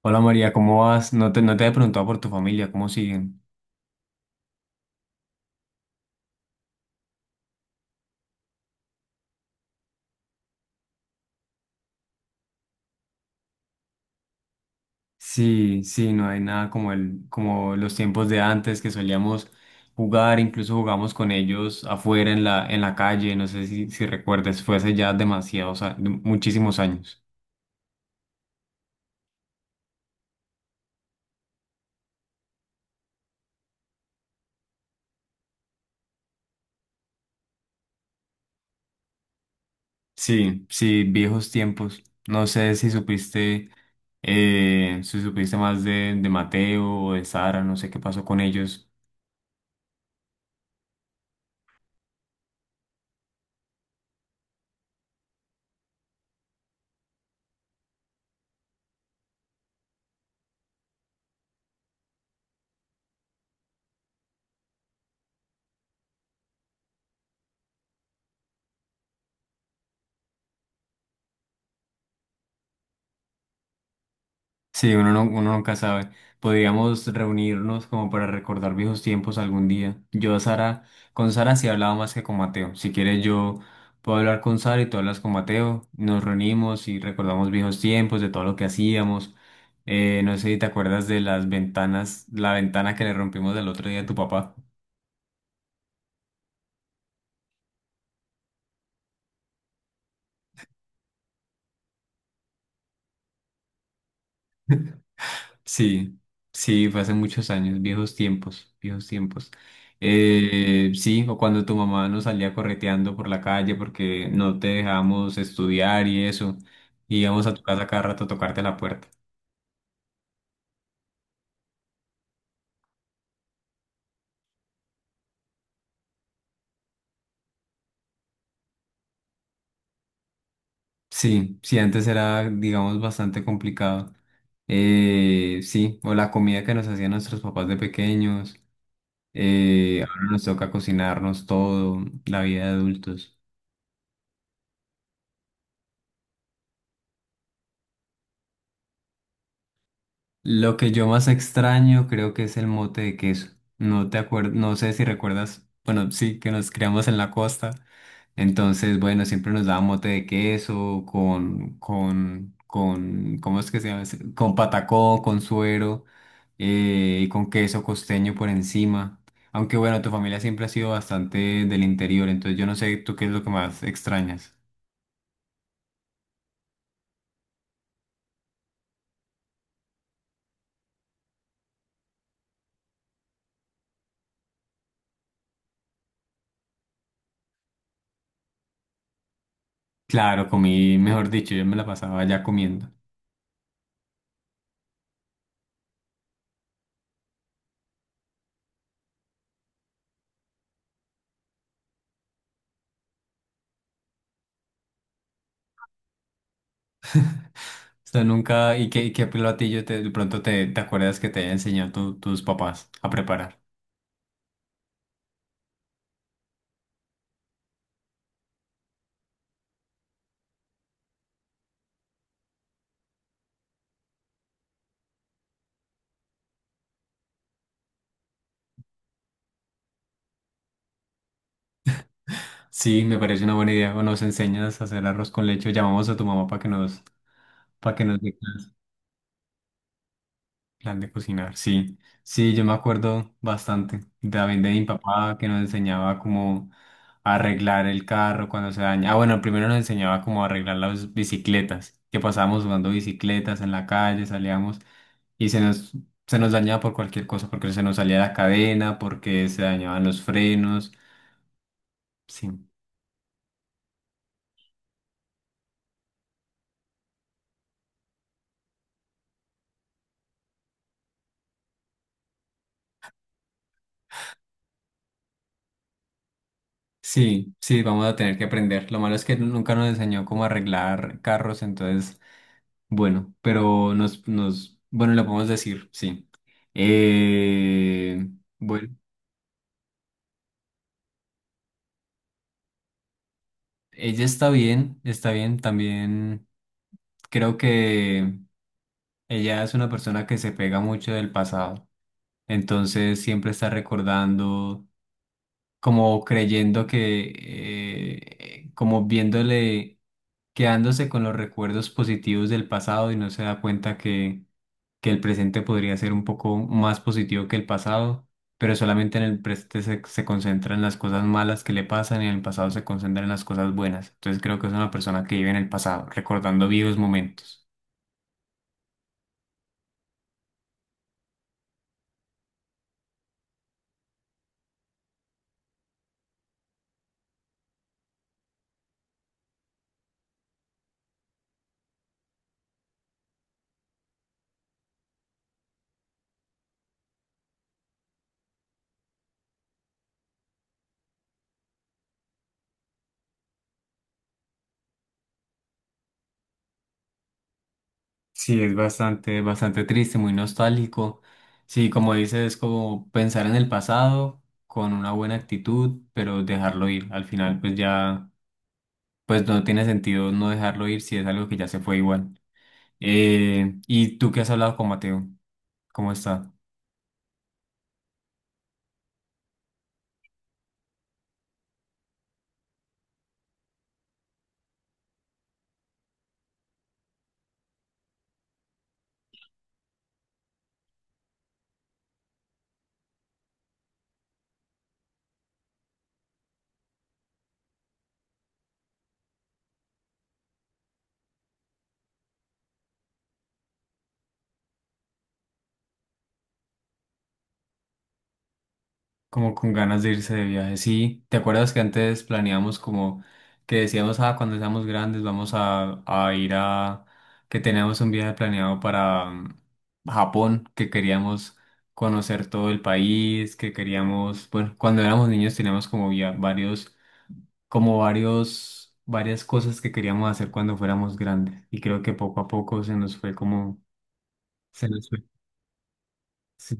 Hola María, ¿cómo vas? No te he preguntado por tu familia, ¿cómo siguen? Sí, sí, no hay nada como como los tiempos de antes que solíamos jugar, incluso jugamos con ellos afuera en en la calle, no sé si recuerdas, fue hace ya muchísimos años. Sí, sí, viejos tiempos. No sé si supiste, si supiste más de Mateo o de Sara, no sé qué pasó con ellos. Sí, uno, no, uno nunca sabe. Podríamos reunirnos como para recordar viejos tiempos algún día. Con Sara sí hablaba más que con Mateo. Si quieres yo puedo hablar con Sara y tú hablas con Mateo. Nos reunimos y recordamos viejos tiempos, de todo lo que hacíamos. No sé si te acuerdas de la ventana que le rompimos del otro día a tu papá. Sí, sí, fue hace muchos años, viejos tiempos, viejos tiempos. Sí. Sí, o cuando tu mamá nos salía correteando por la calle porque no te dejábamos estudiar y eso, y íbamos a tu casa cada rato a tocarte la puerta. Sí, sí, antes era, digamos, bastante complicado. Sí, o la comida que nos hacían nuestros papás de pequeños, ahora nos toca cocinarnos todo, la vida de adultos. Lo que yo más extraño creo que es el mote de queso. No sé si recuerdas, bueno, sí, que nos criamos en la costa. Entonces, bueno, siempre nos daban mote de queso con, ¿cómo es que se llama? ¿ese? Con patacón, con suero y con queso costeño por encima. Aunque bueno, tu familia siempre ha sido bastante del interior, entonces yo no sé tú qué es lo que más extrañas. Claro, comí, mejor dicho, yo me la pasaba allá comiendo. O sea, nunca, ¿y qué platillo te acuerdas que te haya enseñado tus papás a preparar? Sí, me parece una buena idea. O nos enseñas a hacer arroz con leche, o llamamos a tu mamá para que para que nos dé clase. Plan de cocinar, sí. Sí, yo me acuerdo bastante. También de mi papá que nos enseñaba cómo arreglar el carro cuando se daña. Ah, bueno, primero nos enseñaba cómo arreglar las bicicletas, que pasábamos jugando bicicletas en la calle, salíamos y se nos dañaba por cualquier cosa, porque se nos salía la cadena, porque se dañaban los frenos. Sí. Sí, sí, vamos a tener que aprender. Lo malo es que nunca nos enseñó cómo arreglar carros, entonces bueno, pero bueno, lo podemos decir, sí. Eh, bueno, Ella está bien, está bien. También creo que ella es una persona que se pega mucho del pasado. Entonces siempre está recordando, como creyendo que, como viéndole, quedándose con los recuerdos positivos del pasado y no se da cuenta que el presente podría ser un poco más positivo que el pasado, pero solamente en el presente se concentra en las cosas malas que le pasan y en el pasado se concentra en las cosas buenas. Entonces creo que es una persona que vive en el pasado, recordando vivos momentos. Sí, es bastante, bastante triste, muy nostálgico. Sí, como dices, es como pensar en el pasado con una buena actitud, pero dejarlo ir. Al final, pues ya, pues no tiene sentido no dejarlo ir si es algo que ya se fue igual. ¿Y tú qué has hablado con Mateo? ¿Cómo está? Como con ganas de irse de viaje. Sí, ¿te acuerdas que antes planeamos como que decíamos, ah, cuando seamos grandes vamos a ir que teníamos un viaje planeado para Japón, que queríamos conocer todo el país, que queríamos, bueno, cuando éramos niños teníamos como ya varias cosas que queríamos hacer cuando fuéramos grandes. Y creo que poco a poco se nos fue como, se nos fue. Sí.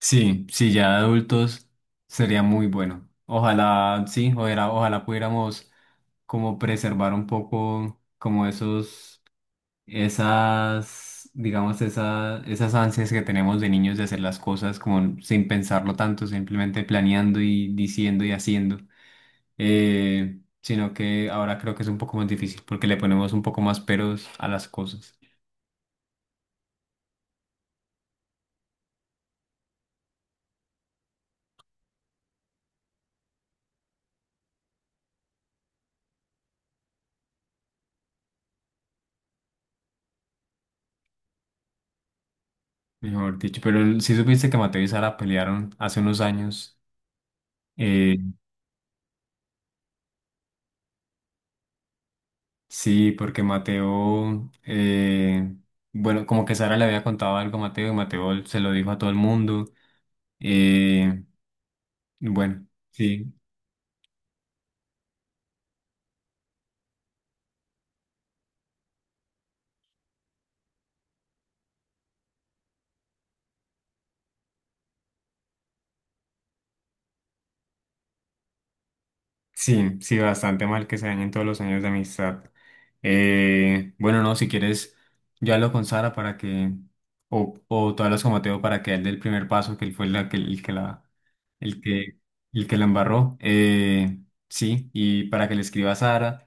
Sí, sí, ya de adultos sería muy bueno. Ojalá, sí, ojalá, ojalá pudiéramos como preservar un poco como esas, digamos, esas ansias que tenemos de niños de hacer las cosas como sin pensarlo tanto, simplemente planeando y diciendo y haciendo. Sino que ahora creo que es un poco más difícil porque le ponemos un poco más peros a las cosas, mejor dicho. Pero si supiste que Mateo y Sara pelearon hace unos años. eh, Sí, porque bueno, como que Sara le había contado algo a Mateo y Mateo se lo dijo a todo el mundo. eh, bueno, sí, sí, sí, bastante mal que se dañen todos los años de amistad. Bueno, no, si quieres, yo hablo con Sara para o tú hablas con Mateo para que él dé el primer paso, que él fue la, que, el que, el que la embarró. Sí, y para que le escriba a Sara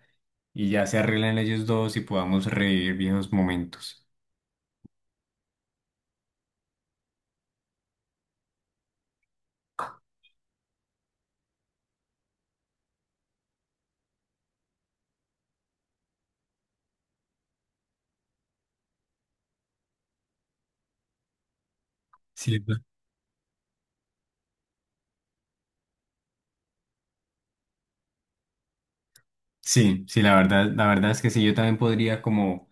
y ya se arreglen ellos dos y podamos revivir viejos momentos. Sí, la- sí, sí, la verdad es que sí, yo también podría como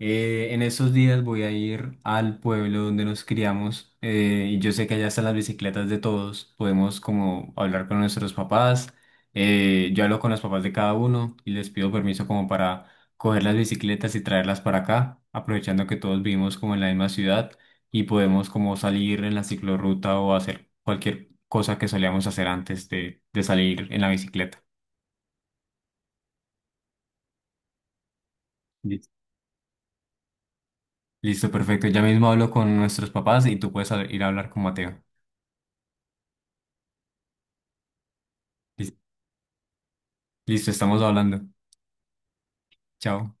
En esos días voy a ir al pueblo donde nos criamos y yo sé que allá están las bicicletas de todos. Podemos como hablar con nuestros papás. Yo hablo con los papás de cada uno y les pido permiso como para coger las bicicletas y traerlas para acá, aprovechando que todos vivimos como en la misma ciudad y podemos como salir en la ciclorruta o hacer cualquier cosa que solíamos hacer antes de salir en la bicicleta. Listo, Listo, perfecto. Ya mismo hablo con nuestros papás y tú puedes ir a hablar con Mateo. Listo, estamos hablando. Chao.